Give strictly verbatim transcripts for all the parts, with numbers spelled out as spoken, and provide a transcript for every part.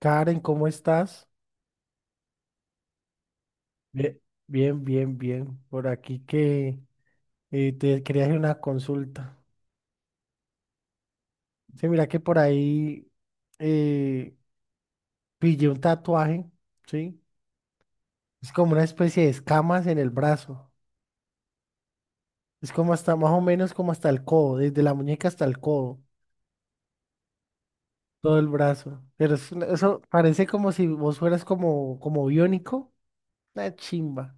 Karen, ¿cómo estás? Bien, bien, bien. bien. Por aquí que eh, te quería hacer una consulta. Sí, mira que por ahí eh, pillé un tatuaje, ¿sí? Es como una especie de escamas en el brazo. Es como hasta más o menos como hasta el codo, desde la muñeca hasta el codo, todo el brazo. Pero es una- eso parece como si vos fueras como, como biónico. Una chimba.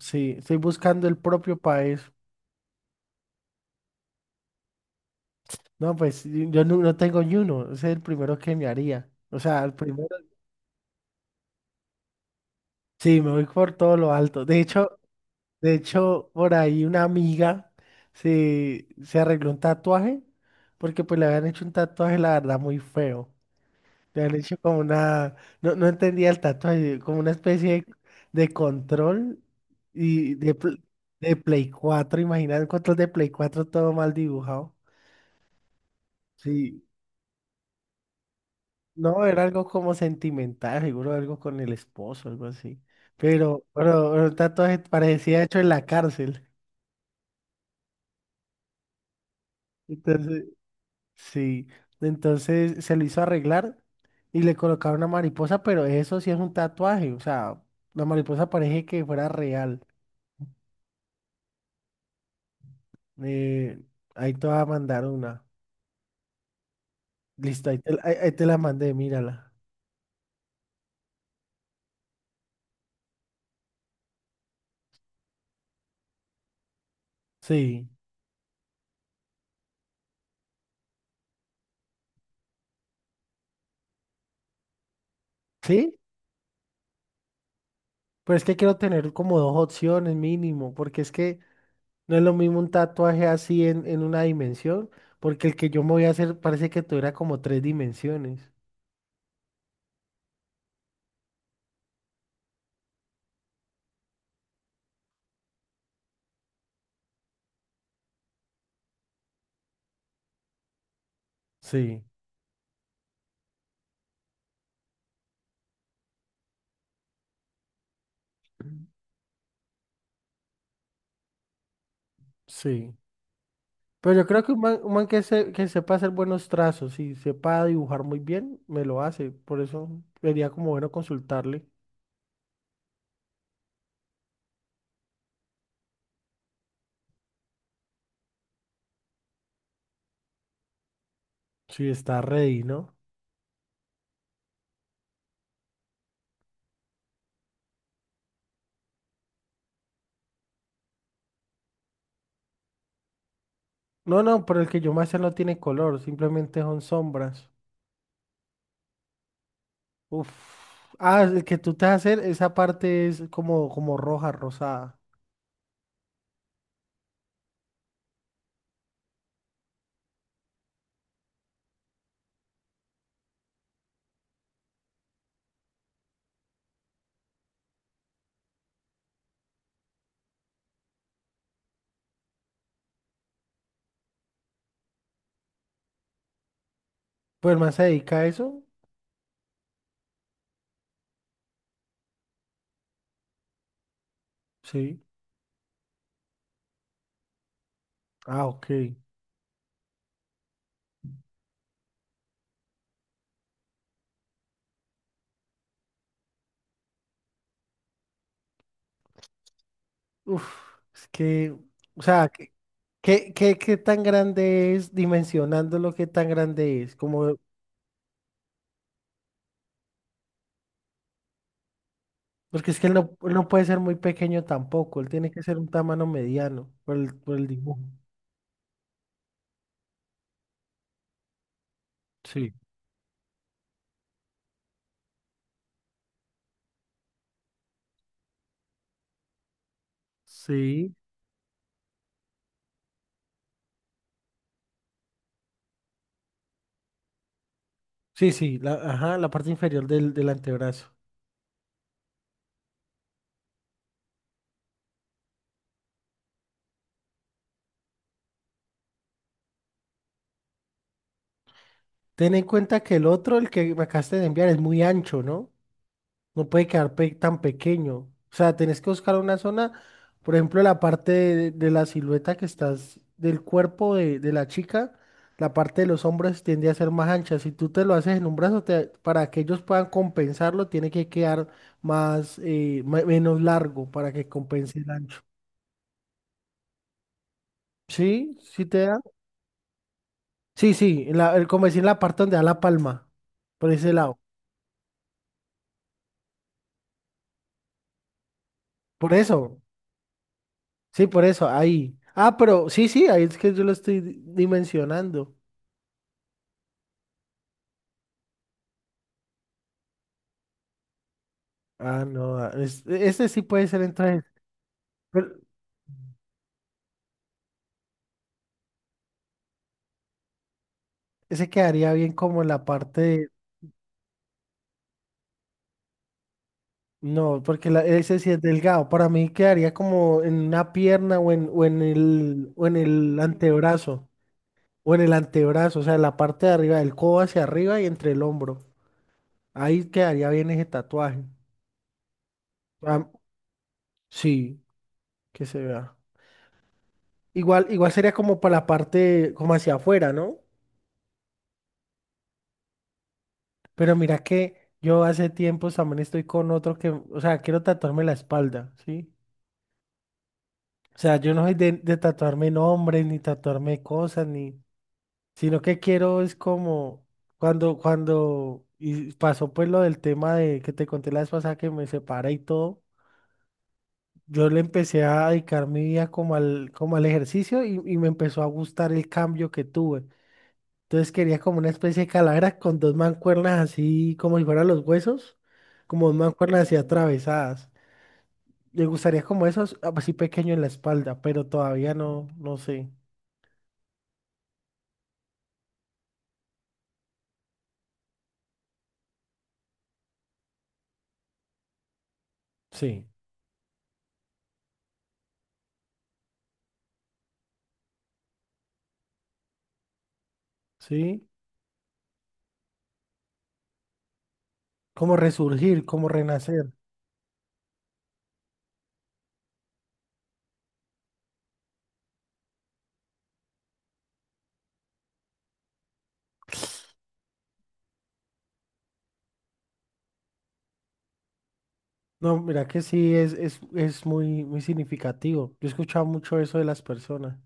Sí, estoy buscando el propio país. No, pues yo no, no tengo ni uno, ese es el primero que me haría. O sea, el primero, sí, me voy por todo lo alto. De hecho, de hecho, por ahí una amiga se, se arregló un tatuaje, porque pues le habían hecho un tatuaje, la verdad, muy feo. Le habían hecho como una, no, no entendía el tatuaje, como una especie de, de control y de, pl- de Play cuatro imagínate, un control de Play cuatro todo mal dibujado. Sí, no, era algo como sentimental, seguro algo con el esposo, algo así. Pero, pero el tatuaje parecía hecho en la cárcel. Entonces, sí. Entonces se lo hizo arreglar y le colocaron una mariposa, pero eso sí es un tatuaje. O sea, la mariposa parece que fuera real. Eh, ahí te va a mandar una. Listo, ahí te, la- ahí- ahí te la mandé, mírala. Sí. ¿Sí? Pero es que quiero tener como dos opciones mínimo, porque es que no es lo mismo un tatuaje así en, en una dimensión, porque el que yo me voy a hacer parece que tuviera como tres dimensiones. Sí, sí. Pero yo creo que un man, un man que, se, que sepa hacer buenos trazos y sepa dibujar muy bien, me lo hace. Por eso sería como bueno consultarle. Si está ready, ¿no? No, no, pero el que yo me hacer no tiene color, simplemente son sombras. Uf. Ah, el que tú te vas a hacer, esa parte es como, como roja, rosada. Pues más se dedica a eso. Sí. Ah, ok. Uf, es que, o sea, ¿qué, qué, qué- ¿qué tan grande es, dimensionándolo, qué tan grande es? Como, porque es que él no, él no puede ser muy pequeño tampoco, él tiene que ser un tamaño mediano por el, por el dibujo. Sí. Sí, sí, sí, la, ajá, la parte inferior del, del antebrazo. Ten en cuenta que el otro, el que me acabaste de enviar, es muy ancho, ¿no? No puede quedar pe- tan pequeño. O sea, tenés que buscar una zona, por ejemplo, la parte de, de la silueta que estás del cuerpo de, de la chica, la parte de los hombros tiende a ser más ancha. Si tú te lo haces en un brazo, te- para que ellos puedan compensarlo, tiene que quedar más, eh, me- menos largo para que compense el ancho. ¿Sí? ¿Sí te da? Sí, sí, en la, el, como decir, en la parte donde da la palma, por ese lado. Por eso, sí, por eso, ahí. Ah, pero sí, sí, ahí es que yo lo estoy di- dimensionando. Ah, no, ah, es- ese sí puede ser entonces, pero ese quedaría bien como en la parte de- no, porque la- ese sí es delgado, para mí quedaría como en una pierna o en, o en el, o en el antebrazo, o en el antebrazo, o sea, la parte de arriba del codo hacia arriba y entre el hombro, ahí quedaría bien ese tatuaje. Ah, sí, que se vea, igual, igual sería como para la parte, como hacia afuera, ¿no? Pero mira que yo hace tiempos también estoy con otro que, o sea, quiero tatuarme la espalda, ¿sí? O sea, yo no soy de, de tatuarme nombres, ni tatuarme cosas, ni, sino que quiero es como cuando, cuando y pasó pues lo del tema de que te conté la vez pasada que me separé y todo, yo le empecé a dedicar mi vida como al, como al ejercicio y, y me empezó a gustar el cambio que tuve. Entonces quería como una especie de calavera con dos mancuernas así como si fueran los huesos, como dos mancuernas así atravesadas. Me gustaría como esos ah, así pequeño en la espalda, pero todavía no, no sé. Sí, sí. Como resurgir, como renacer. No, mira que sí es, es, es muy, muy significativo. Yo he escuchado mucho eso de las personas.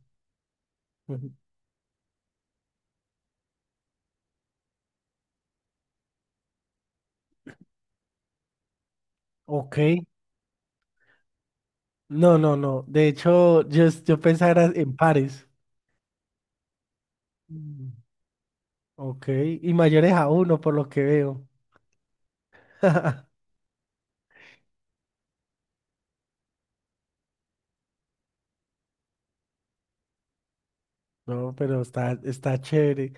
Ujú. Ok. No, no, no. De hecho, yo, es- yo pensaba era en pares. Mm. Ok. Y mayores a uno, por lo que veo. No, pero está, está chévere.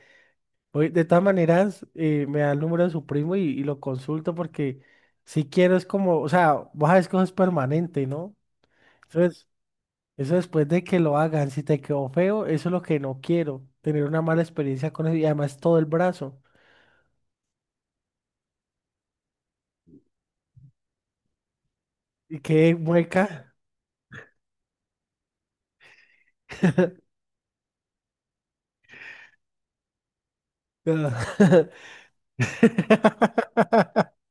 Oye, de todas maneras, eh, me da el número de su primo y, y lo consulto porque si quiero es como, o sea, vos sabes que eso es permanente, ¿no? Entonces, eso después de que lo hagan, si te quedó feo, eso es lo que no quiero, tener una mala experiencia con eso y además todo el brazo y quede mueca. No.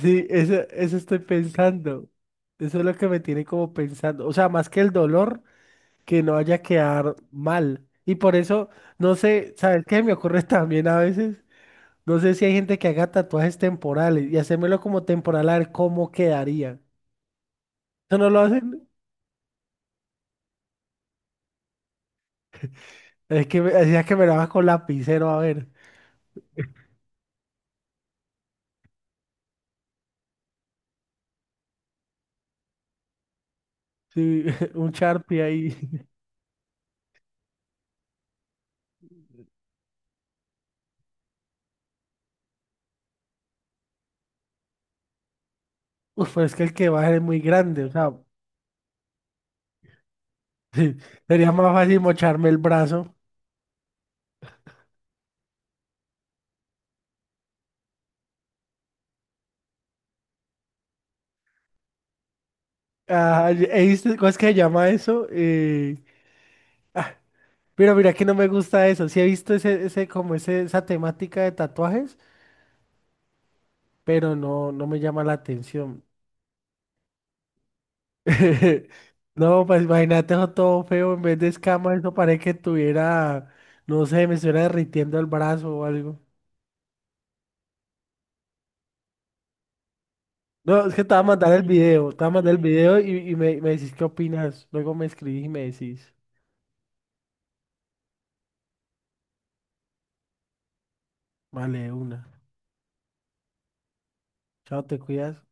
Sí, eso, eso estoy pensando. Eso es lo que me tiene como pensando. O sea, más que el dolor, que no vaya a quedar mal. Y por eso, no sé, ¿sabes qué me ocurre también a veces? No sé si hay gente que haga tatuajes temporales y hacérmelo como temporal a ver cómo quedaría. ¿Eso no lo hacen? Es que me, decía que me lo haga con lapicero, a ver. Sí, un Sharpie ahí. Uf, pero es que el que va a ser es muy grande, o sea, sería más fácil mocharme el brazo. Ah, y- he visto, ¿cómo es que se llama eso? Eh, ah, pero mira que no me gusta eso. Sí he visto ese, ese, como ese, esa temática de tatuajes pero no, no me llama la atención. No, pues imagínate eso todo feo, en vez de escama, eso parece que tuviera, no sé, me estuviera derritiendo el brazo o algo. No, es que te voy a mandar el video, te voy a mandar el video y, y me, me decís qué opinas. Luego me escribís y me decís, vale, de una. Chao, te cuidas.